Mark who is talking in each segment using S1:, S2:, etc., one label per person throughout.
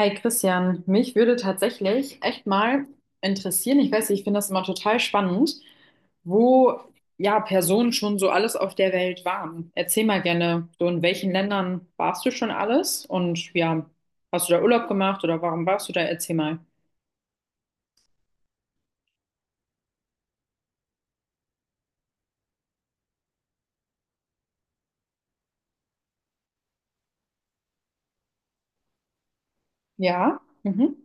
S1: Hi Christian, mich würde tatsächlich echt mal interessieren, ich weiß nicht, ich finde das immer total spannend, wo ja Personen schon so alles auf der Welt waren. Erzähl mal gerne, so in welchen Ländern warst du schon alles und ja, hast du da Urlaub gemacht oder warum warst du da? Erzähl mal. Ja, mhm.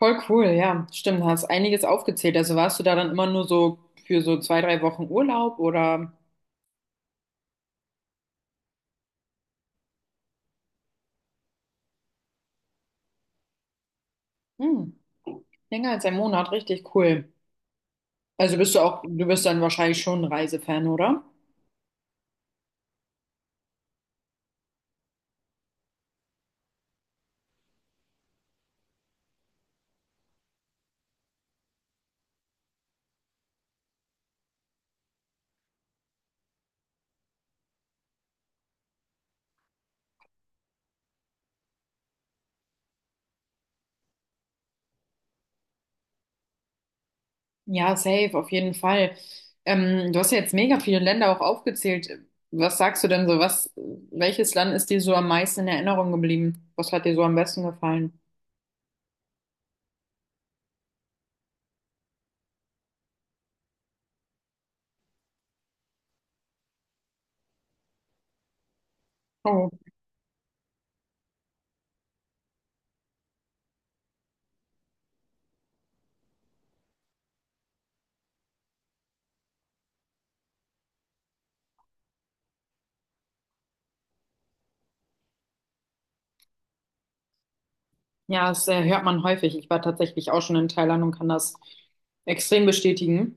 S1: Voll cool, ja, stimmt, hast einiges aufgezählt. Also warst du da dann immer nur so für so zwei, drei Wochen Urlaub oder hm, länger als ein Monat, richtig cool. Also bist du auch, du bist dann wahrscheinlich schon ein Reisefan, oder? Ja, safe, auf jeden Fall. Du hast ja jetzt mega viele Länder auch aufgezählt. Was sagst du denn so? Was, welches Land ist dir so am meisten in Erinnerung geblieben? Was hat dir so am besten gefallen? Oh. Ja, das hört man häufig. Ich war tatsächlich auch schon in Thailand und kann das extrem bestätigen.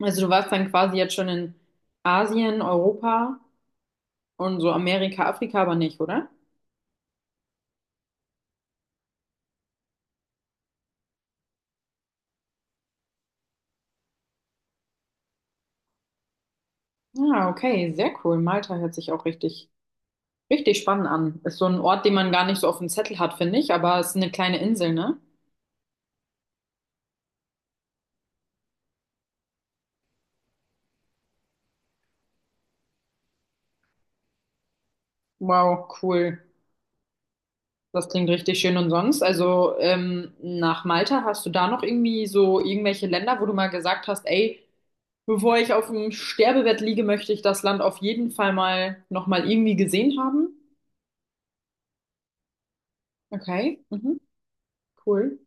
S1: Also du warst dann quasi jetzt schon in Asien, Europa und so Amerika, Afrika aber nicht, oder? Ah, okay, sehr cool. Malta hört sich auch richtig spannend an. Ist so ein Ort, den man gar nicht so auf dem Zettel hat, finde ich, aber es ist eine kleine Insel, ne? Wow, cool. Das klingt richtig schön. Und sonst, also nach Malta, hast du da noch irgendwie so irgendwelche Länder, wo du mal gesagt hast, ey, bevor ich auf dem Sterbebett liege, möchte ich das Land auf jeden Fall mal nochmal irgendwie gesehen haben? Okay, mhm, cool.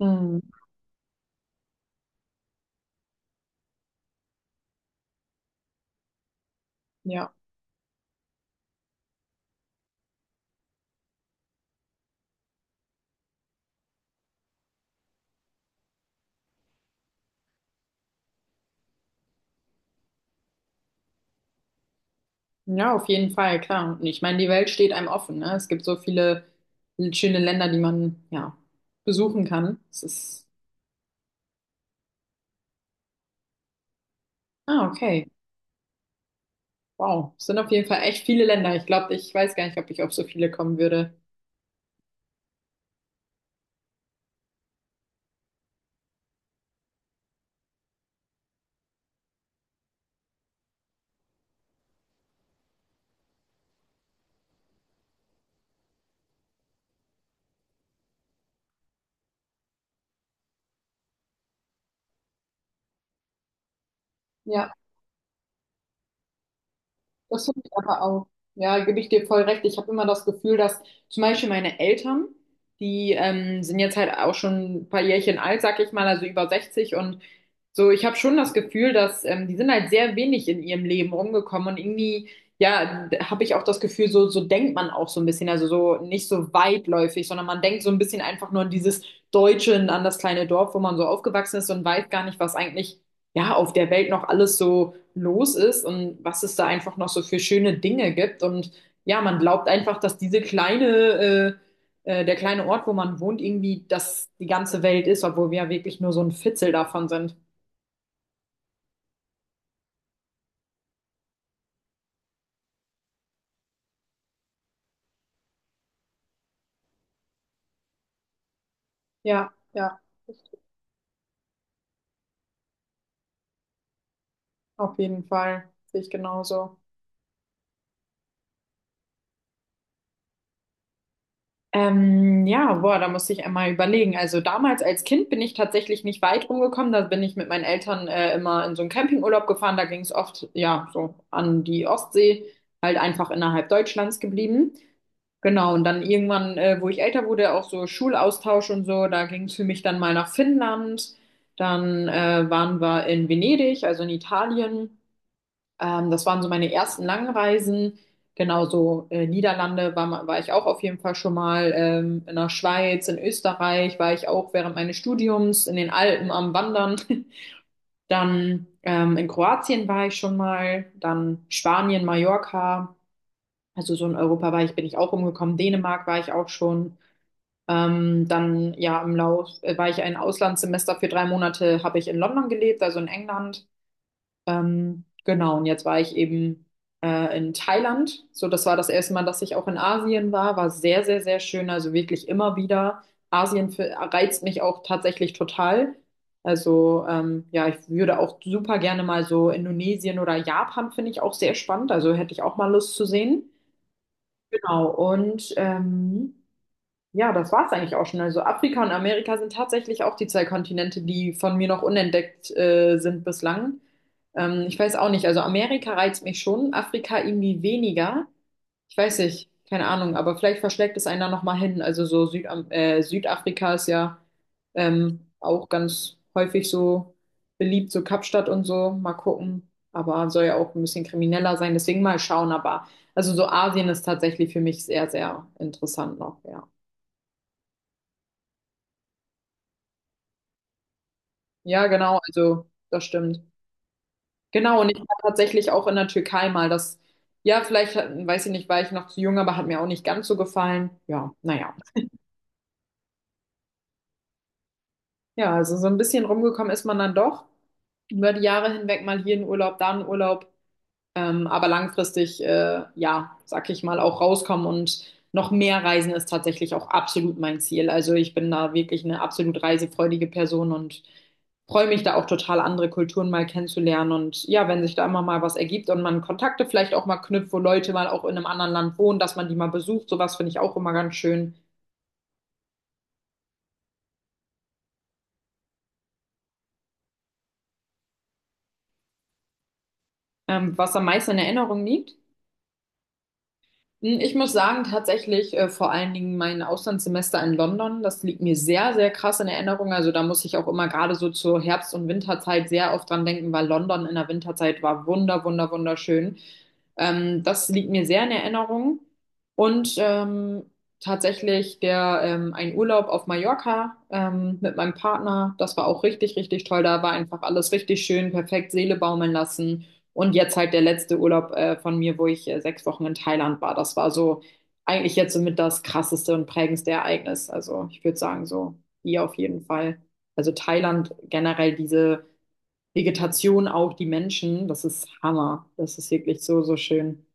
S1: Hm, ja. Ja, auf jeden Fall, klar. Und ich meine, die Welt steht einem offen, ne? Es gibt so viele schöne Länder, die man, ja, besuchen kann. Es ist, ah, okay. Wow. Es sind auf jeden Fall echt viele Länder. Ich glaube, ich weiß gar nicht, ob ich auf so viele kommen würde. Ja. Das finde ich aber auch. Ja, gebe ich dir voll recht. Ich habe immer das Gefühl, dass zum Beispiel meine Eltern, die sind jetzt halt auch schon ein paar Jährchen alt, sag ich mal, also über 60 und so, ich habe schon das Gefühl, dass die sind halt sehr wenig in ihrem Leben rumgekommen und irgendwie, ja, habe ich auch das Gefühl, so, so denkt man auch so ein bisschen, also so nicht so weitläufig, sondern man denkt so ein bisschen einfach nur an dieses Deutsche, an das kleine Dorf, wo man so aufgewachsen ist und weiß gar nicht, was eigentlich, ja, auf der Welt noch alles so los ist und was es da einfach noch so für schöne Dinge gibt. Und ja, man glaubt einfach, dass diese kleine, der kleine Ort, wo man wohnt, irgendwie das die ganze Welt ist, obwohl wir ja wirklich nur so ein Fitzel davon sind. Ja, auf jeden Fall. Sehe ich genauso. Ja, boah, da muss ich einmal überlegen. Also damals als Kind bin ich tatsächlich nicht weit rumgekommen. Da bin ich mit meinen Eltern immer in so einen Campingurlaub gefahren. Da ging es oft, ja, so an die Ostsee, halt einfach innerhalb Deutschlands geblieben. Genau, und dann irgendwann, wo ich älter wurde, auch so Schulaustausch und so, da ging es für mich dann mal nach Finnland. Dann waren wir in Venedig, also in Italien. Das waren so meine ersten Langreisen. Genauso Niederlande war, war ich auch auf jeden Fall schon mal. In der Schweiz, in Österreich war ich auch während meines Studiums, in den Alpen am Wandern. Dann in Kroatien war ich schon mal. Dann Spanien, Mallorca. Also so in Europa war ich, bin ich auch rumgekommen. Dänemark war ich auch schon. Dann ja im Lauf war ich ein Auslandssemester für drei Monate, habe ich in London gelebt, also in England. Genau, und jetzt war ich eben in Thailand. So, das war das erste Mal, dass ich auch in Asien war. War sehr, sehr, sehr schön. Also wirklich immer wieder. Asien für, reizt mich auch tatsächlich total. Also ja, ich würde auch super gerne mal so Indonesien oder Japan finde ich auch sehr spannend. Also hätte ich auch mal Lust zu sehen. Genau, und ja, das war's eigentlich auch schon. Also Afrika und Amerika sind tatsächlich auch die zwei Kontinente, die von mir noch unentdeckt sind bislang. Ich weiß auch nicht. Also Amerika reizt mich schon, Afrika irgendwie weniger. Ich weiß nicht, keine Ahnung, aber vielleicht verschlägt es einer nochmal hin. Also so Südam Südafrika ist ja auch ganz häufig so beliebt, so Kapstadt und so. Mal gucken. Aber soll ja auch ein bisschen krimineller sein, deswegen mal schauen. Aber also so Asien ist tatsächlich für mich sehr, sehr interessant noch, ja. Ja, genau, also das stimmt. Genau, und ich war tatsächlich auch in der Türkei mal das, ja, vielleicht, weiß ich nicht, war ich noch zu jung, aber hat mir auch nicht ganz so gefallen. Ja, naja. Ja, also so ein bisschen rumgekommen ist man dann doch. Über die Jahre hinweg mal hier in Urlaub, da in Urlaub. Aber langfristig, ja, sag ich mal, auch rauskommen und noch mehr reisen ist tatsächlich auch absolut mein Ziel. Also ich bin da wirklich eine absolut reisefreudige Person und freue mich da auch total, andere Kulturen mal kennenzulernen. Und ja, wenn sich da immer mal was ergibt und man Kontakte vielleicht auch mal knüpft, wo Leute mal auch in einem anderen Land wohnen, dass man die mal besucht, sowas finde ich auch immer ganz schön. Was am meisten in Erinnerung liegt? Hm, ich muss sagen, tatsächlich vor allen Dingen mein Auslandssemester in London, das liegt mir sehr, sehr krass in Erinnerung. Also da muss ich auch immer gerade so zur Herbst- und Winterzeit sehr oft dran denken, weil London in der Winterzeit war wunderschön. Das liegt mir sehr in Erinnerung. Und tatsächlich der ein Urlaub auf Mallorca mit meinem Partner, das war auch richtig, richtig toll. Da war einfach alles richtig schön, perfekt Seele baumeln lassen. Und jetzt halt der letzte Urlaub von mir, wo ich sechs Wochen in Thailand war. Das war so eigentlich jetzt somit das krasseste und prägendste Ereignis. Also ich würde sagen, so hier auf jeden Fall. Also Thailand generell diese Vegetation, auch die Menschen, das ist Hammer. Das ist wirklich so, so schön.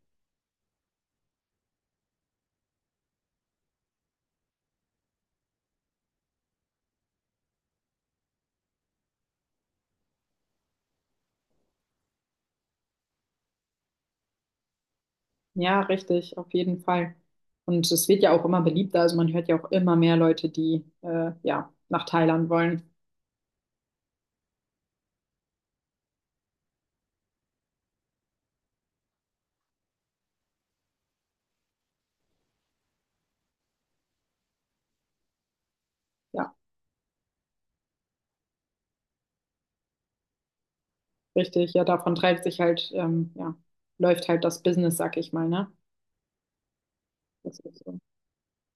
S1: Ja, richtig, auf jeden Fall. Und es wird ja auch immer beliebter. Also man hört ja auch immer mehr Leute, die ja nach Thailand wollen. Ja, richtig. Ja, davon treibt sich halt, ja, läuft halt das Business, sag ich mal, ne? Das ist so.